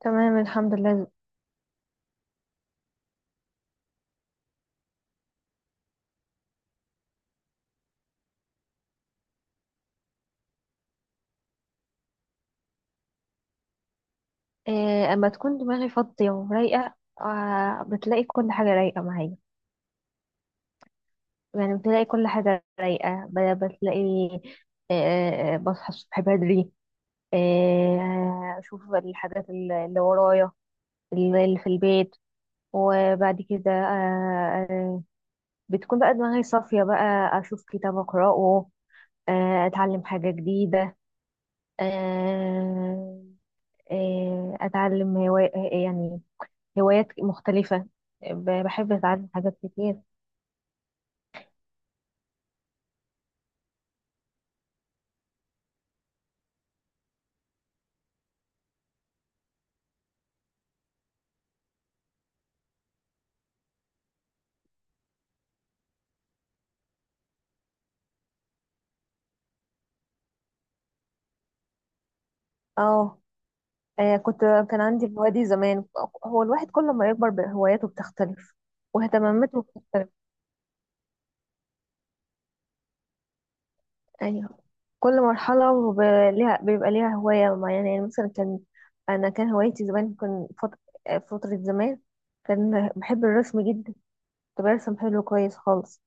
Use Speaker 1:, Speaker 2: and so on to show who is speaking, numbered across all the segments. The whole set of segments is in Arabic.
Speaker 1: تمام الحمد لله. إيه اما تكون دماغي فاضية ورايقة، آه بتلاقي كل حاجة رايقة معايا. يعني بتلاقي كل حاجة رايقة، بتلاقي آه بصحى الصبح بدري، آه أشوف الحاجات اللي ورايا، اللي في البيت. وبعد كده بتكون بقى دماغي صافية بقى، أشوف كتاب أقرأه، آه أتعلم حاجة جديدة. آه آه أتعلم هواية، يعني هوايات مختلفة. بحب أتعلم حاجات كتير. اه كنت كان عندي هوايات زمان. هو الواحد كل ما يكبر هواياته بتختلف واهتماماته بتختلف. أيوه، كل مرحلة ليها بيبقى ليها هواية معينة. يعني مثلا كان، أنا كان هوايتي زمان كان فترة زمان كان بحب الرسم جدا، كنت برسم حلو كويس خالص.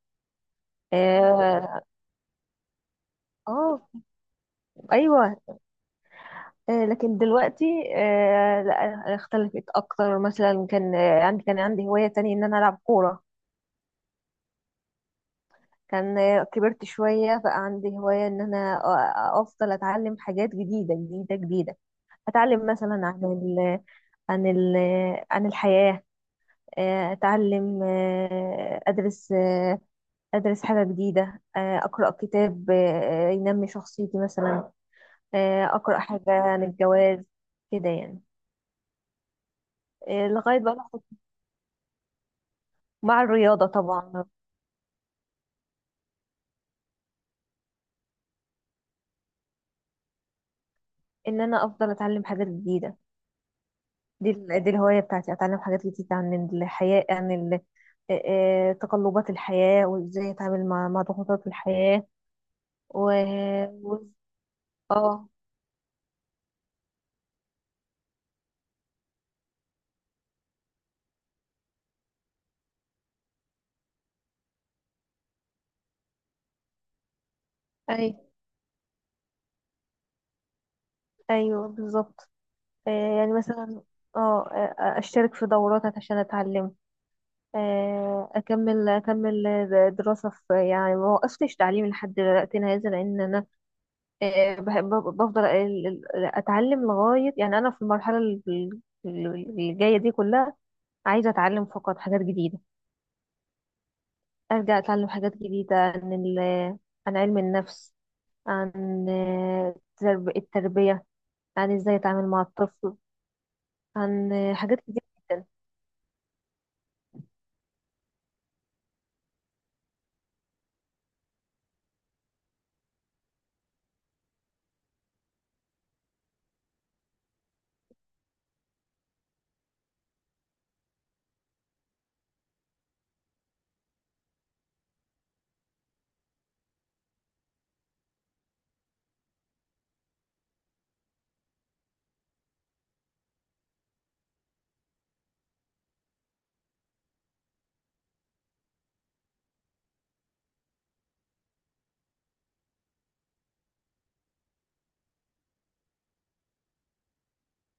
Speaker 1: اه آه، ايوه لكن دلوقتي، لا، اختلفت اكتر. مثلا كان آه، عندي كان عندي هواية تانية ان انا العب كورة. كان، كبرت شوية بقى عندي هواية ان انا افضل اتعلم حاجات جديدة جديدة جديدة. اتعلم مثلا عن ال الحياة. اتعلم ادرس، ادرس حاجة جديدة، اقرأ كتاب ينمي شخصيتي مثلا. اقرأ حاجة عن الجواز، كده يعني. لغاية بقى مع الرياضة طبعا ان انا افضل اتعلم حاجات جديدة. دي الهواية بتاعتي، اتعلم حاجات جديدة عن الحياة، عن آه، تقلبات الحياة وازاي اتعامل مع ضغوطات الحياة. و و- اه، اي، ايوه بالظبط. آه، يعني مثلا، اه اشترك في دورات عشان اتعلم، اكمل دراسة في. يعني ما وقفتش تعليم لحد دلوقتي، هذا لان انا آه، بحب- بفضل اتعلم لغايه. يعني انا في المرحله اللي جايه دي كلها عايزه اتعلم فقط حاجات جديده. ارجع اتعلم حاجات جديده عن علم النفس، عن التربيه، عن ازاي اتعامل مع الطفل، عن حاجات كتير جدا.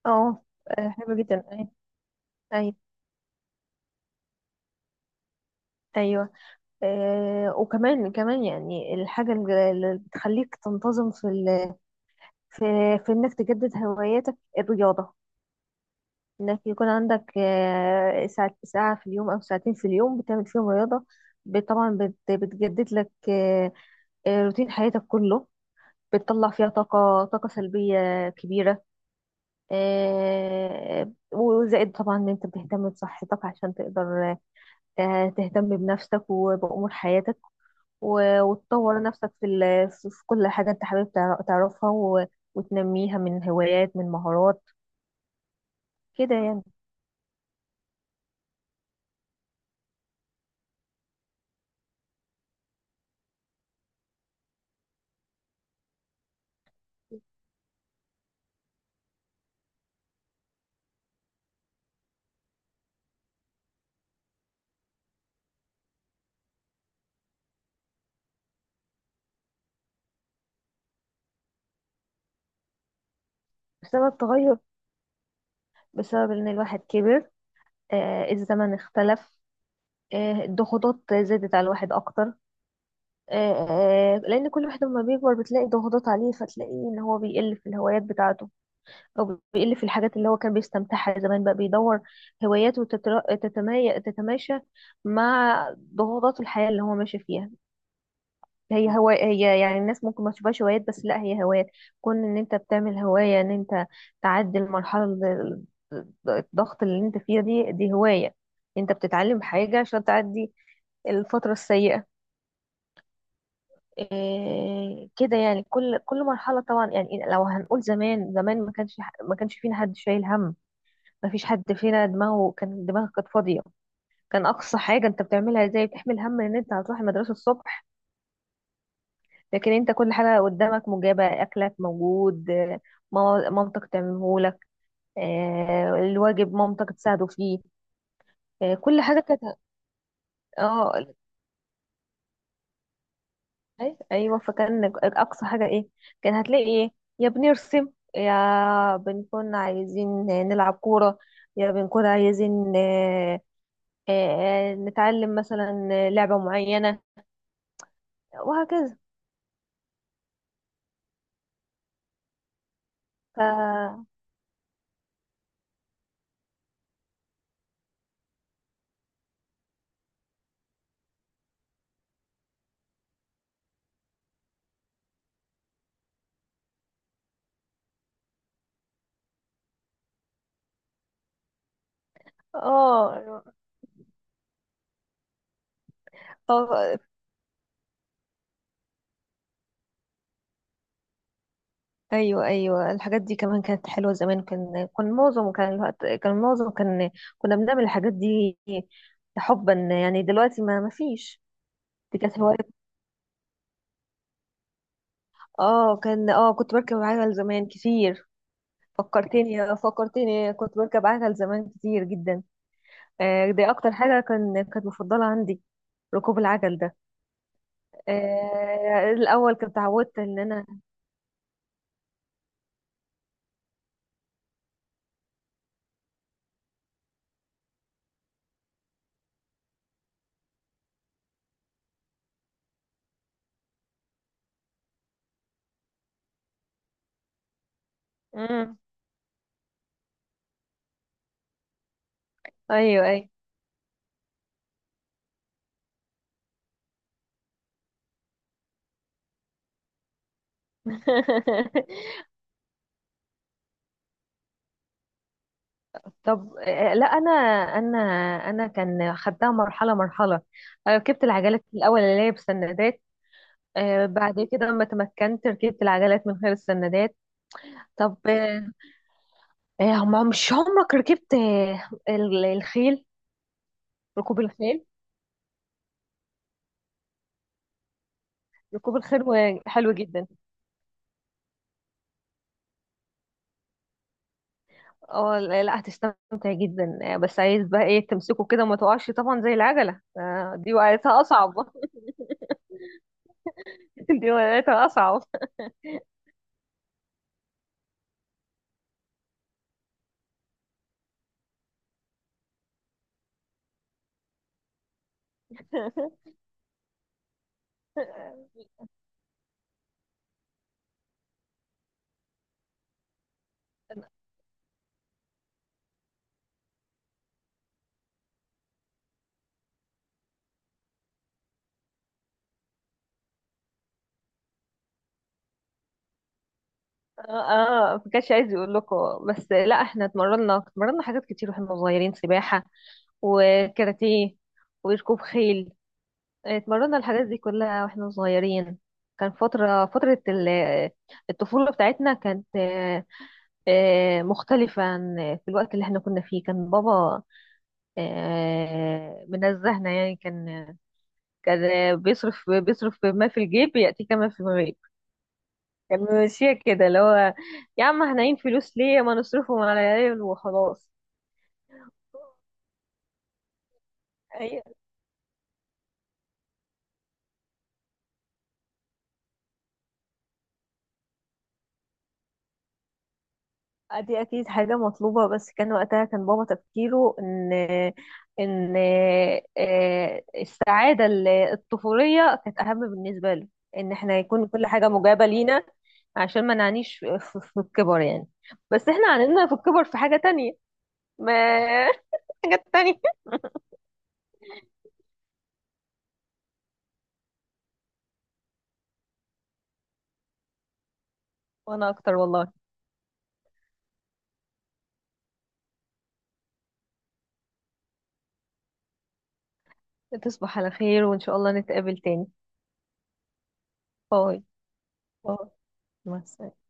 Speaker 1: اه حلوه جدا. اي اي ايوه، وكمان كمان. يعني الحاجه اللي بتخليك تنتظم في في انك تجدد هواياتك، الرياضه. انك يكون عندك ساعة في اليوم او ساعتين في اليوم بتعمل فيهم رياضة. بتجدد لك روتين حياتك كله، بتطلع فيها طاقة سلبية كبيرة. وزائد طبعا ان انت بتهتم بصحتك عشان تقدر تهتم بنفسك وبأمور حياتك، وتطور نفسك في كل حاجة انت حابب تعرفها وتنميها، من هوايات، من مهارات، كده يعني. بسبب تغير، بسبب ان الواحد كبر، الزمن اختلف، الضغوطات زادت على الواحد اكتر. آه، لان كل واحد لما بيكبر بتلاقي ضغوطات عليه، فتلاقيه ان هو بيقل في الهوايات بتاعته، او بيقل في الحاجات اللي هو كان بيستمتعها زمان. بقى بيدور هواياته تتماشى مع ضغوطات الحياة اللي هو ماشي فيها. هي، يعني الناس ممكن ما تشوفهاش هوايات، بس لا، هي هوايات. كون ان انت بتعمل هواية ان انت تعدي المرحلة، الضغط اللي انت فيها، دي هواية. انت بتتعلم حاجة عشان تعدي الفترة السيئة. إيه كده يعني. كل مرحلة طبعا. يعني لو هنقول زمان، زمان ما كانش فينا حد شايل هم، ما فيش حد فينا دماغه كانت فاضية. كان اقصى حاجة انت بتعملها زي بتحمل هم ان انت هتروح المدرسة الصبح. لكن انت كل حاجة قدامك مجابة، اكلك موجود، مامتك تعملهولك، الواجب مامتك تساعده فيه، كل حاجة كانت. اه، ايوه، فكان اقصى حاجة ايه، كان هتلاقي ايه، يا بنرسم، يا بنكون عايزين نلعب كورة، يا بنكون عايزين آه، نتعلم مثلا لعبة معينة، وهكذا. ف اه ايوه، ايوه، الحاجات دي كمان كانت حلوه زمان. كان كان معظم كان الوقت كان معظم كان كنا بنعمل الحاجات دي حبا يعني، دلوقتي ما فيش. دي كانت هوايه، اه كان، اه كنت بركب عجل زمان كتير. فكرتني، كنت بركب عجل زمان كتير جدا. آه، دي اكتر حاجه كانت مفضله عندي، ركوب العجل ده. آه، الاول كنت اتعودت ان انا. مم. ايوه، ايوه. طب، لا انا، انا انا كان خدتها مرحله مرحله. أنا ركبت العجلات في الاول اللي هي بسندات، بعد كده لما تمكنت ركبت العجلات من غير السندات. طب مش عمرك ركبت الخيل، ركوب الخيل، ركوب الخيل حلو جدا. اه لا لا، هتستمتع جدا، بس عايز بقى ايه تمسكه كده وما تقعش طبعا زي العجله. آه، دي وقعتها اصعب. دي وقعتها اصعب. اه، ما كانش عايز يقول لكم. بس لا، احنا اتمرنا حاجات كتير واحنا صغيرين، سباحة وكاراتيه وركوب خيل، اتمرنا الحاجات دي كلها واحنا صغيرين. كان فترة الطفولة بتاعتنا كانت مختلفة عن في الوقت اللي احنا كنا فيه. كان بابا منزهنا يعني. كان بيصرف، بيصرف ما في الجيب يأتي كما في الغيب. كان ماشية كده، اللي هو يا عم احنا عين، فلوس ليه، ما نصرفهم على العيال وخلاص. أي، دي أكيد حاجة مطلوبة، بس كان وقتها كان بابا تفكيره إن السعادة الطفولية كانت أهم بالنسبة له، إن إحنا يكون كل حاجة مجابة لينا عشان ما نعنيش في في الكبر يعني. بس إحنا عنينا في الكبر في حاجة تانية. ما حاجة تانية. وأنا أكتر والله. تصبح على خير، وإن شاء الله نتقابل تاني. باي، باي، مع السلامة.